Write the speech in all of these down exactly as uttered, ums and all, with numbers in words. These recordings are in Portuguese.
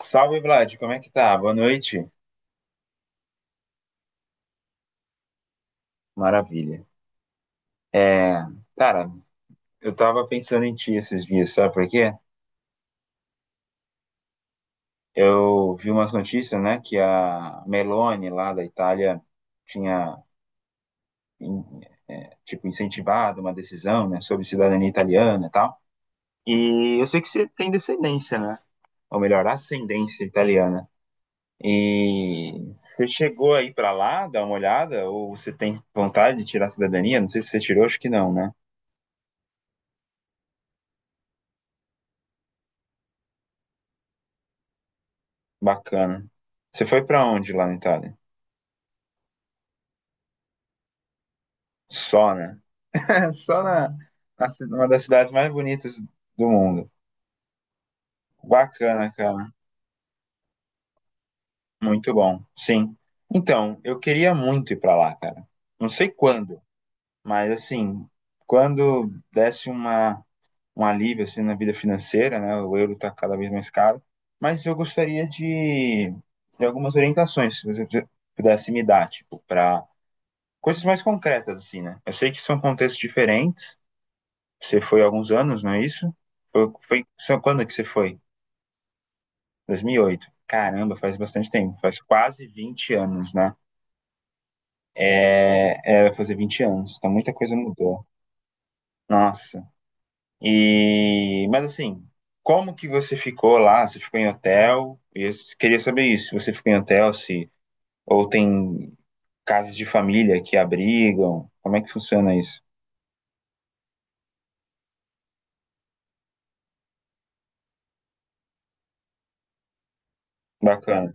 Salve, Vlad, como é que tá? Boa noite. Maravilha. É, cara, eu tava pensando em ti esses dias, sabe por quê? Eu vi umas notícias, né, que a Meloni lá da Itália tinha, em- é, tipo, incentivado uma decisão, né, sobre cidadania italiana e tal. E eu sei que você tem descendência, né? Ou melhor, ascendência italiana. E você chegou aí pra lá, dar uma olhada, ou você tem vontade de tirar a cidadania? Não sei se você tirou, acho que não, né? Bacana. Você foi pra onde lá na Itália? Só, né? Só na, na ci- uma das cidades mais bonitas do mundo. Bacana, cara. Muito bom. Sim. Então, eu queria muito ir pra lá, cara. Não sei quando, mas assim, quando desse uma um alívio assim na vida financeira, né? O euro tá cada vez mais caro, mas eu gostaria de de algumas orientações, se você pudesse me dar, tipo, para coisas mais concretas assim, né? Eu sei que são contextos diferentes. Você foi há alguns anos, não é isso? Foi, foi, são- quando é que você foi? dois mil e oito. Caramba, faz bastante tempo. Faz quase vinte anos, né? É, é, vai fazer vinte anos. Então muita coisa mudou. Nossa. E, mas assim, como que você ficou lá? Você ficou em hotel? E Eu queria saber isso. Se você ficou em hotel, se ou tem casas de família que abrigam? Como é que funciona isso? Bacana.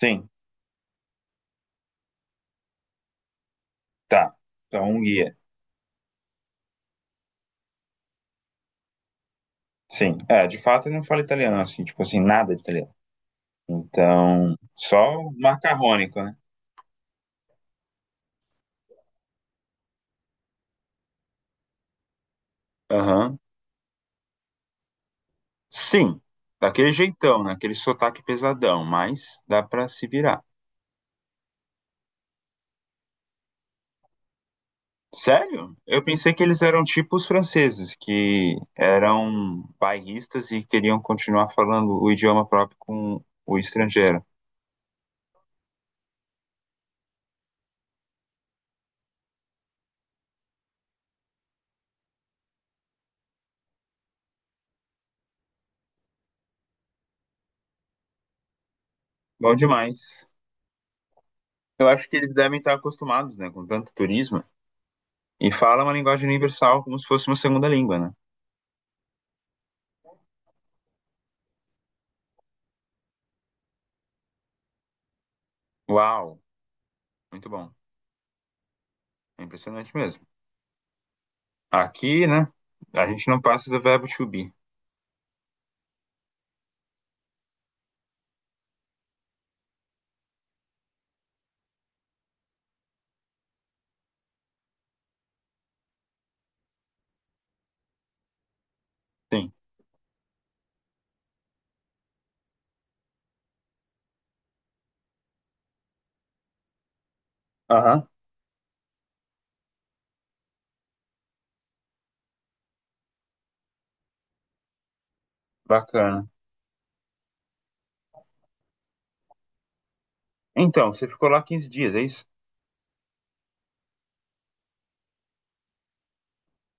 Sim. Tá. Então, um guia. Sim. É, de fato eu não falo italiano assim, tipo assim, nada de italiano. Então, só o macarrônico, né? Aham. Sim, daquele jeitão, né? Aquele sotaque pesadão, mas dá pra se virar. Sério? Eu pensei que eles eram tipo os franceses, que eram bairristas e queriam continuar falando o idioma próprio com o estrangeiro. Bom demais. Eu acho que eles devem estar acostumados, né, com tanto turismo e falam uma linguagem universal como se fosse uma segunda língua, né? Uau, muito bom. É impressionante mesmo. Aqui, né? A gente não passa do verbo to be. Sim. Aham, bacana. Então, você ficou lá quinze dias, é isso?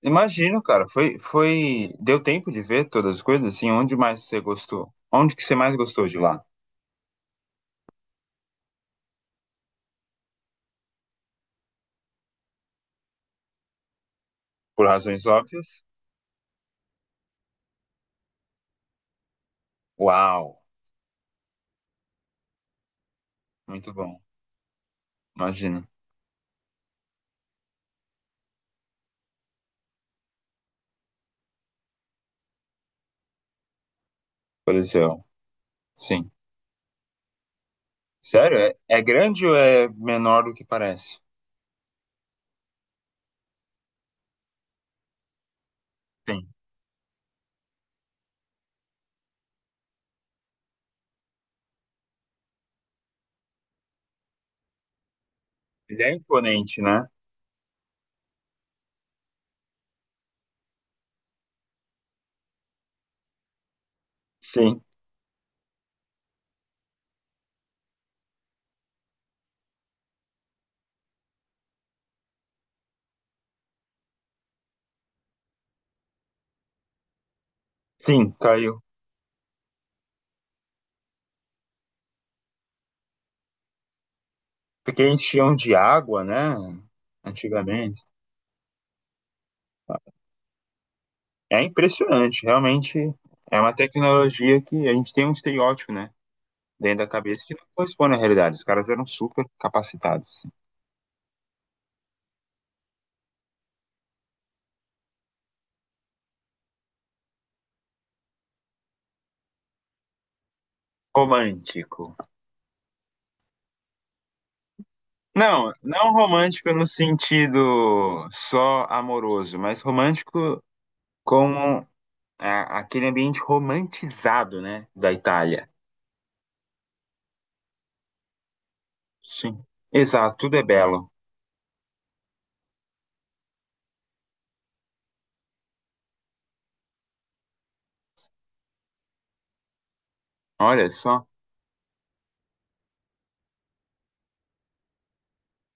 Imagino, cara. Foi, foi. Deu tempo de ver todas as coisas? Assim, onde mais você gostou? Onde que você mais gostou de lá? Por razões óbvias? Uau, muito bom. Imagino. Coliseu. Sim. Sério? É, é grande ou é menor do que parece? Sim. Ele é imponente, né? Sim. Sim, caiu. Porque enchiam de água, né? Antigamente. É impressionante, realmente é uma tecnologia que a gente tem um estereótipo, né, dentro da cabeça que não corresponde à realidade. Os caras eram super capacitados. Assim. Romântico. Não, não romântico no sentido só amoroso, mas romântico como a- aquele ambiente romantizado, né, da Itália. Sim. Exato, tudo é belo. Olha só.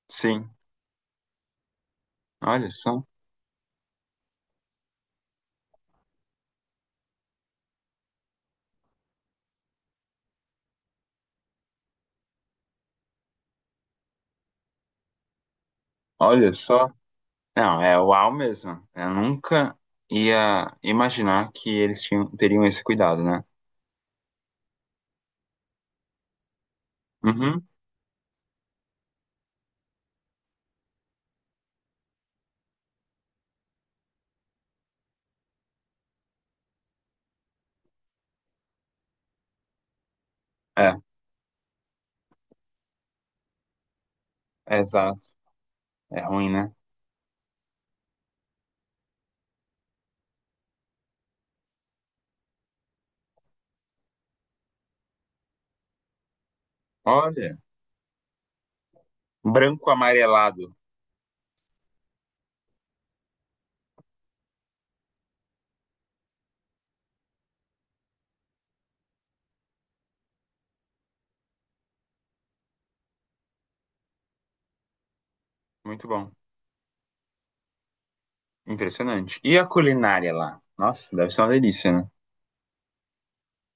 Sim, olha só. Olha só. Não, é uau mesmo. Eu nunca ia imaginar que eles tinham, teriam esse cuidado, né? Uhum. É, é exato. É ruim, né? Olha, branco amarelado. Muito bom. Impressionante. E a culinária lá? Nossa, deve ser uma delícia, né?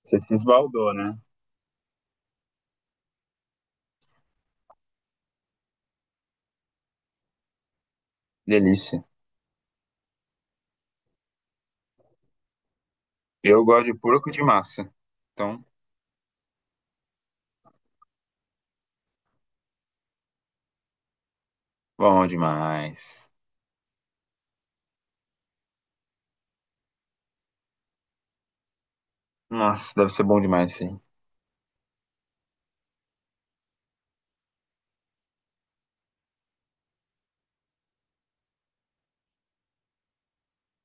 Se Esbaldou, né? Delícia. Eu gosto de porco de massa. Então, bom demais. Nossa, deve ser bom demais, sim.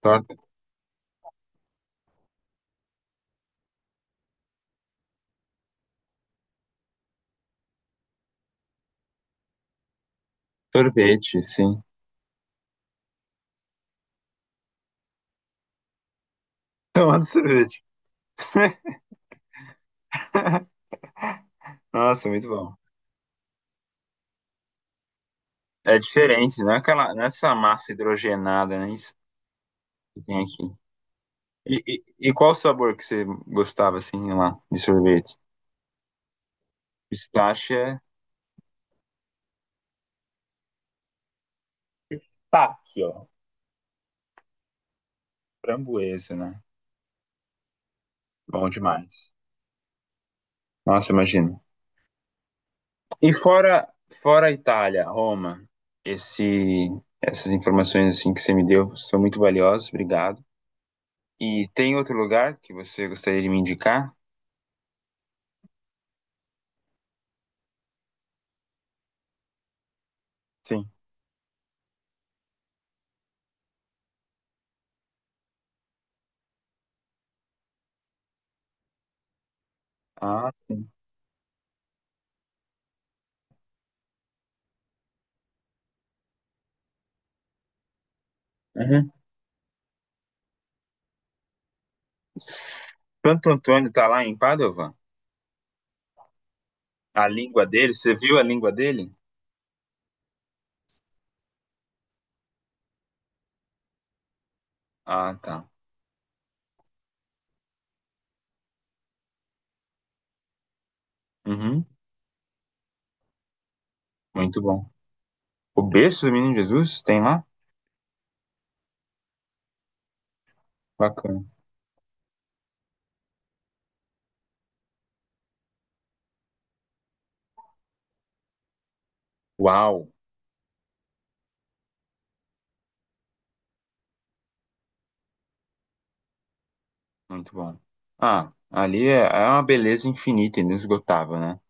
Torta. Sorvete, sim. Tomando sorvete. Nossa, muito bom. É diferente, não é aquela, não é essa massa hidrogenada, né? Isso que tem aqui. E, e- e qual o sabor que você gostava, assim, lá, de sorvete? Pistache é tá aqui, ó. Framboesa, né? Bom demais. Nossa, imagina. E fora, fora a Itália, Roma, esse, essas informações, assim, que você me deu são muito valiosas, obrigado. E tem outro lugar que você gostaria de me indicar? Sim. Ah, sim. Uhum. Santo Antônio tá lá em Padova? A língua dele, você viu a língua dele? Ah, tá. Uhum, muito bom. O berço do menino Jesus tem lá? Bacana. Uau, muito bom. Ah, ali é, é uma beleza infinita, inesgotável, né?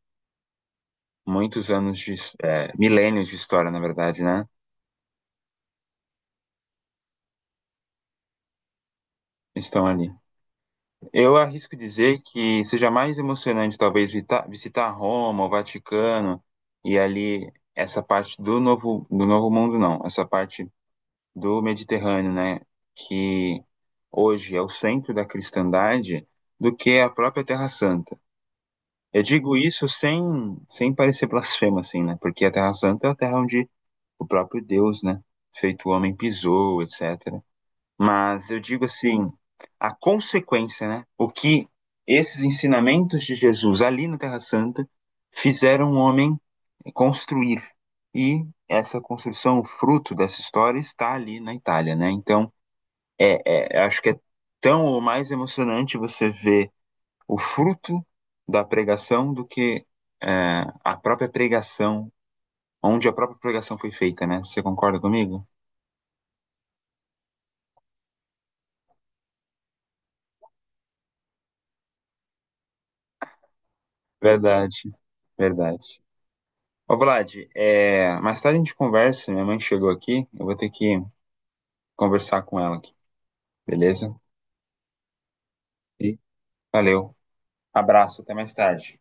Muitos anos de, his- é, milênios de história, na verdade, né? Estão ali. Eu arrisco dizer que seja mais emocionante, talvez, vita- visitar Roma, o Vaticano e ali essa parte do novo, do novo mundo, não. Essa parte do Mediterrâneo, né, que hoje é o centro da cristandade, do que a própria Terra Santa. Eu digo isso sem, sem parecer blasfema, assim, né, porque a Terra Santa é a terra onde o próprio Deus, né, feito homem, pisou, etecetera. Mas eu digo assim, a consequência, né, o que esses ensinamentos de Jesus ali na Terra Santa fizeram o homem construir. E essa construção, o fruto dessa história, está ali na Itália, né? Então, é, é, acho que é tão ou mais emocionante você ver o fruto da pregação do que é, a própria pregação, onde a própria pregação foi feita, né? Você concorda comigo? Verdade, verdade. Ô, Vlad, é, mais tarde a gente conversa. Minha mãe chegou aqui, eu vou ter que conversar com ela aqui, beleza? E valeu. Abraço, até mais tarde.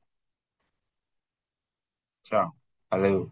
Tchau. Valeu.